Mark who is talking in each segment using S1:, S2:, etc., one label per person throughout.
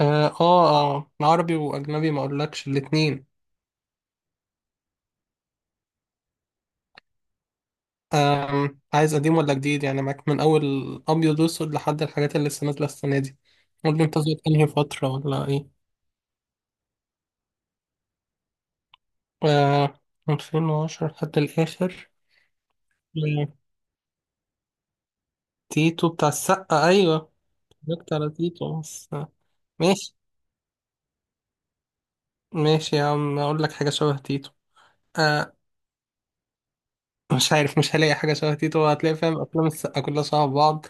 S1: اه اه، عربي واجنبي ما اقولكش الاتنين. عايز قديم ولا جديد؟ يعني معاك من اول ابيض واسود لحد الحاجات اللي لسه نازله السنه دي. قول لي انت زهقت انهي فتره ولا ايه؟ آه، 2010 لحد الاخر. آه، تيتو بتاع السقا، ايوه. اتفرجت على تيتو بس. ماشي، ماشي يا عم، اقول لك حاجه شبه تيتو. آه. مش عارف، مش هلاقي حاجه شبه تيتو، هتلاقي فاهم افلام السقا كلها شبه بعض.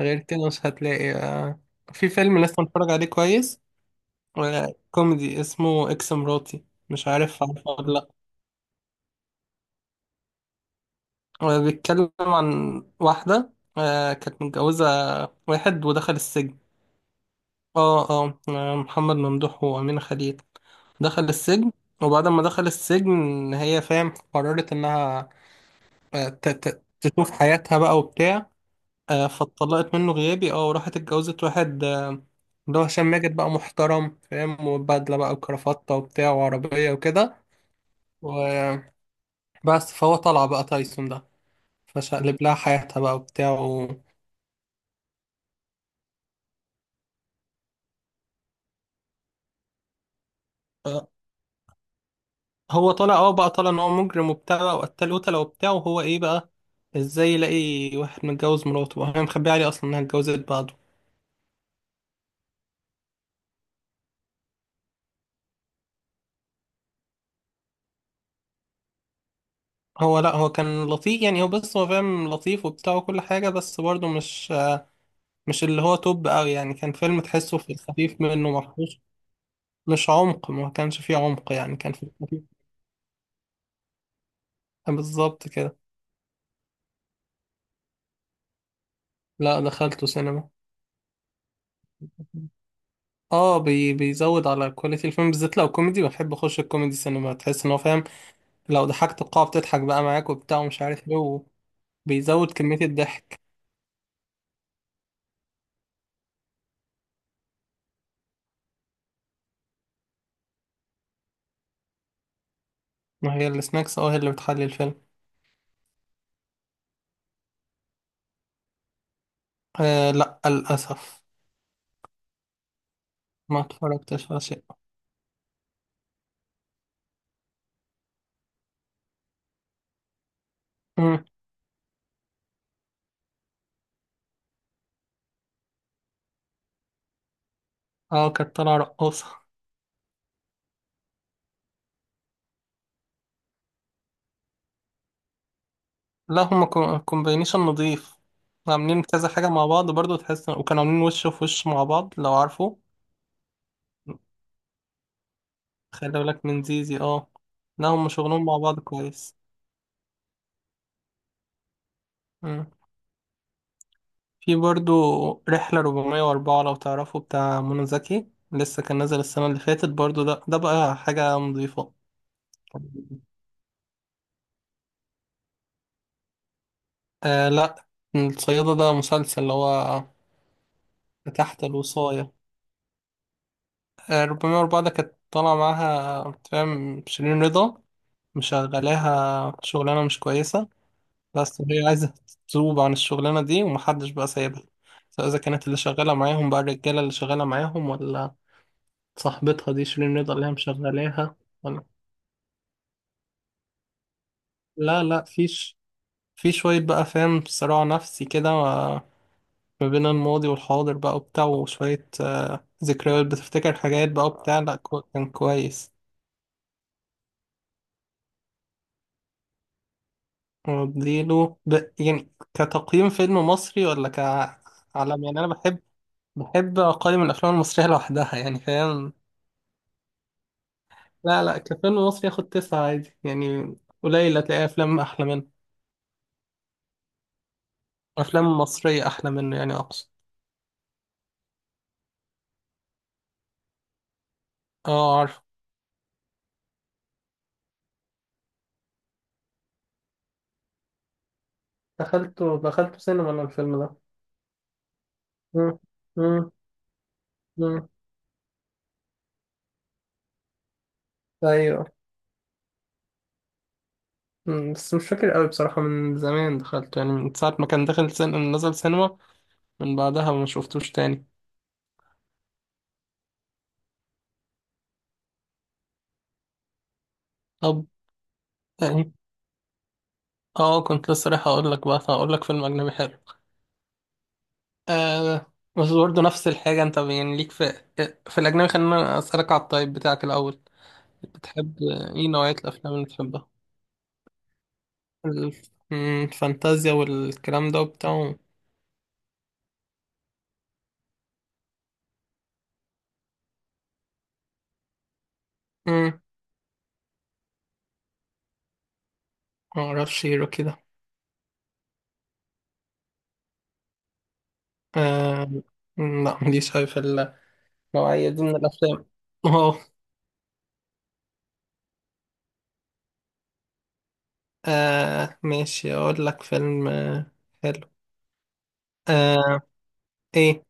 S1: غير كده مش هتلاقي. في فيلم لسه متفرج عليه كويس، ولا كوميدي اسمه اكس مراتي، مش عارف عارفه ولا لا؟ هو بيتكلم عن واحدة، كانت متجوزة واحد ودخل السجن. اه اه، محمد ممدوح وأمينة خليل. دخل السجن، وبعد ما دخل السجن هي فاهم قررت انها تشوف حياتها بقى وبتاع. فاتطلقت منه غيابي وراحت اتجوزت واحد، اللي هو هشام ماجد بقى محترم فاهم وبدلة بقى وكرافتة وبتاع وعربية وكده. بس فهو طلع بقى تايسون ده. فشقلب لها حياتها بقى وبتاع. آه، هو طلع بقى طلع ان هو مجرم وبتاع بقى وقتل قتلة وبتاع وهو ايه بقى، ازاي يلاقي واحد متجوز مراته وهي مخبيه عليه اصلا انها اتجوزت بعده. هو لا، هو كان لطيف يعني. هو بس هو فاهم لطيف وبتاع وكل حاجة، بس برضه مش اللي هو توب قوي يعني، كان فيلم تحسه في الخفيف منه، مفهوش مش عمق، ما كانش فيه عمق يعني، كان في الخفيف. بالظبط كده. لا، دخلته سينما. اه، بي بيزود على كواليتي الفيلم، بالذات لو كوميدي، بحب اخش الكوميدي سينما، تحس ان هو فاهم لو ضحكت القاعة بتضحك بقى معاك وبتاع ومش عارف ايه، وبيزود كمية الضحك. ما هي السناكس، اه، هي اللي بتحلي الفيلم. آه لا، للأسف ما اتفرجتش على شيء. مم. اه، كانت طالعة رقاصة. لا، هما كومبينيشن نضيف. عاملين كذا حاجة مع بعض برضو، تحس وكانوا عاملين وش في وش مع بعض لو عارفه. خلي بالك من زيزي، اه. لا، هما شغلهم مع بعض كويس. في برضو رحلة 404، لو تعرفوا، بتاع منى زكي، لسه كان نازل السنة اللي فاتت برضو، ده بقى حاجة نظيفة. آه لا، الصيادة ده مسلسل اللي هو تحت الوصاية. آه، 404 ده كانت طالعة معاها فاهم شيرين رضا، مشغلاها شغلانة مش كويسة. بس هي عايزة تذوب عن الشغلانة دي، ومحدش بقى سايبها، سواء إذا كانت اللي شغالة معاهم بقى الرجالة اللي شغالة معاهم ولا صاحبتها دي شيرين رضا اللي هي مشغلاها. ولا لا لا فيش. في شوية بقى فاهم صراع نفسي كده، ما بين الماضي والحاضر بقى وبتاع، وشوية، ذكريات بتفتكر حاجات بقى وبتاع. لا، كان كويس. واديله ب... يعني كتقييم فيلم مصري ولا كعالم يعني؟ أنا بحب أقيم الأفلام المصرية لوحدها يعني فاهم. لا لا، كفيلم مصري ياخد 9 عادي يعني، قليل هتلاقي أفلام أحلى منه، أفلام مصرية أحلى منه يعني أقصد. اه عارف. دخلته سينما أنا الفيلم ده. مم. مم. مم. ايوه. مم. بس مش فاكر قوي بصراحة، من زمان دخلت يعني من ساعة ما كان داخل نزل سينما، من بعدها ما شفتوش تاني. طب يعني، اه كنت لسه رايح اقول لك بقى، هقول لك فيلم اجنبي حلو. آه، بس برضه نفس الحاجة، انت يعني ليك في الاجنبي. خلينا اسألك على الطيب بتاعك الاول. بتحب ايه نوعية الافلام اللي بتحبها؟ الفانتازيا والكلام ده وبتاع. مم، ما اعرفش ايه كده. آه لا، ماليش أوي في نوعية دي من الأفلام. أهو. آه، ماشي أقول لك فيلم حلو. آه، إيه؟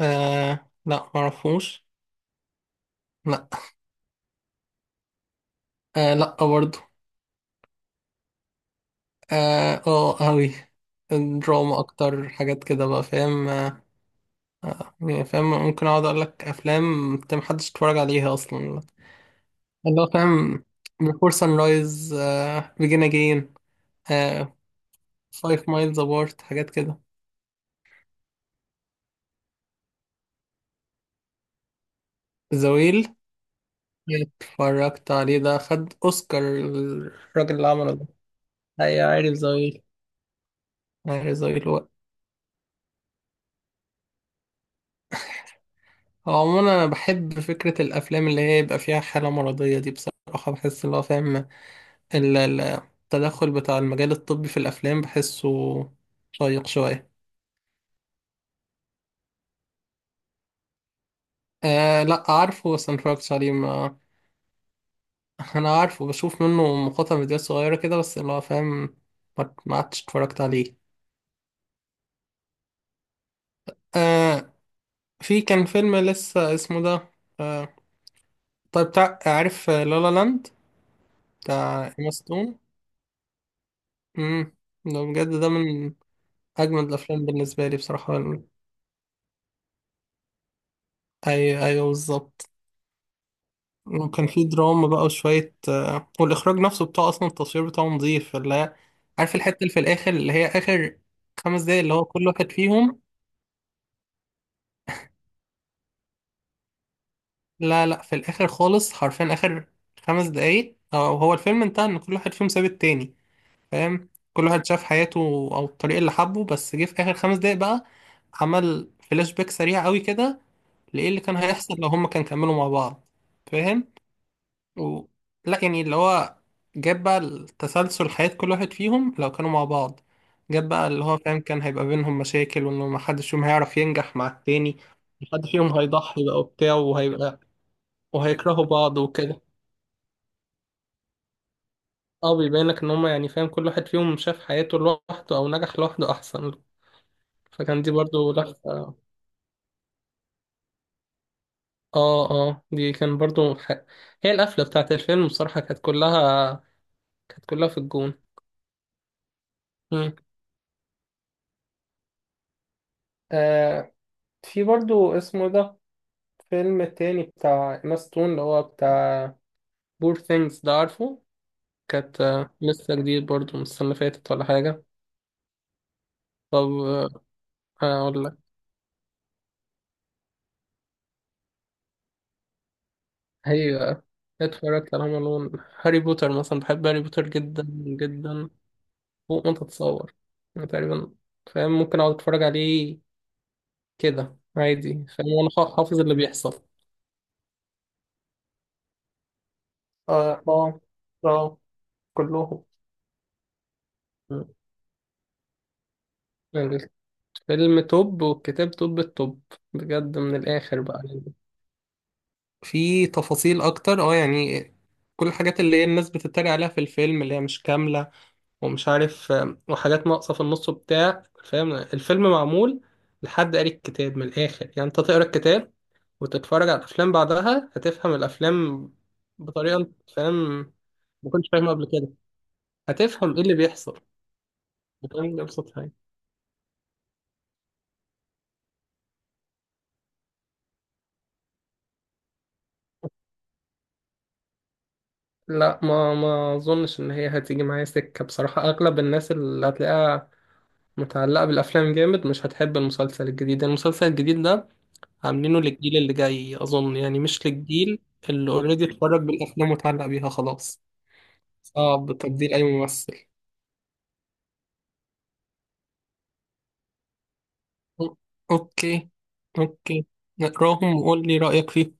S1: آه لا، معرفوش. لا. آه لا، برضه. آه، أه أوي، دراما أكتر حاجات كده بقى فاهم. آه، يعني فاهم ممكن أقعد أقول لك أفلام أنت محدش اتفرج عليها أصلا، اللي هو فاهم، Before Sunrise، آه، Begin Again، آه، Five Miles Apart، حاجات كده. The Whale، اتفرجت عليه ده، خد اوسكار الراجل اللي عمله ده، هي عارف زويل، عارف زويل. هو عموما انا بحب فكره الافلام اللي هي يبقى فيها حاله مرضيه دي بصراحه، بحس اللي هو فاهم التدخل بتاع المجال الطبي في الافلام بحسه شيق شويه. آه لا، عارفه بس ما اتفرجتش عليه ما. انا عارفه، بشوف منه مقاطع فيديوهات صغيره كده بس اللي هو فاهم، ما عدتش اتفرجت عليه. آه، في كان فيلم لسه اسمه ده آه، طيب بتاع عارف لا لا لاند، بتاع إيما ستون. امم. ده بجد ده من أجمد الأفلام بالنسبة لي بصراحة. أي أيوه بالظبط. وكان في دراما بقى وشوية، والإخراج نفسه بتاعه أصلا التصوير بتاعه نظيف اللي هي، عارف الحتة اللي في الآخر اللي هي آخر 5 دقايق اللي هو كل واحد فيهم. لا لا، في الآخر خالص حرفيا، آخر 5 دقايق، أو هو الفيلم انتهى إن كل واحد فيهم ساب التاني فاهم، كل واحد شاف حياته او الطريق اللي حبه، بس جه في اخر 5 دقايق بقى، عمل فلاش باك سريع قوي كده لايه اللي كان هيحصل لو هما كان كملوا مع بعض فاهم و... لا يعني اللي هو، جاب بقى التسلسل حياة كل واحد فيهم لو كانوا مع بعض، جاب بقى اللي هو فاهم كان هيبقى بينهم مشاكل وانه محدش فيهم هيعرف ينجح مع التاني، محد فيهم هيضحي بقى وبتاع وهيبقى وهيكرهوا بعض وكده. اه، بيبين لك ان هما يعني فاهم كل واحد فيهم شاف حياته لوحده او نجح لوحده احسن، فكان دي برضو لفة. اه اه، دي كان برضو هي القفلة بتاعت الفيلم بصراحة، كانت كلها في الجون. مم. آه، في برضو اسمه ده، فيلم تاني بتاع إيما ستون اللي هو بتاع بور ثينجز، ده عارفه؟ كانت، لسه جديد برضو من السنة اللي فاتت ولا حاجة. طب آه، أقول لك هي، اتفرجت على هوم ألون، هاري بوتر مثلا، بحب هاري بوتر جدا، جدا فوق ما تتصور. أنا تقريبا فاهم ممكن أقعد أتفرج عليه كده عادي، خلينا انا حافظ اللي بيحصل. اه اه اه. كلهم. مم. الفيلم توب والكتاب توب التوب، بجد من الآخر بقى يعني. في تفاصيل أكتر اه يعني، كل الحاجات اللي هي الناس بتتريق عليها في الفيلم اللي هي مش كاملة، ومش عارف، وحاجات ناقصة في النص وبتاع فاهم، الفيلم معمول لحد قاري الكتاب، من الآخر يعني أنت تقرا الكتاب وتتفرج على الأفلام بعدها هتفهم الأفلام بطريقة أنت فاهم، ما كنتش فاهمها قبل كده، هتفهم ايه اللي بيحصل، وتقول لي ابسط حاجه. لا، ما اظنش ان هي هتيجي معايا سكه بصراحه، اغلب الناس اللي هتلاقيها متعلقه بالافلام جامد مش هتحب المسلسل الجديد، المسلسل الجديد ده عاملينه للجيل اللي جاي اظن يعني، مش للجيل اللي اوريدي اتفرج بالافلام واتعلق بيها خلاص. صعب تبديل اي ممثل. أو- اوكي. اوكي، نقراهم وقول لي رايك فيهم.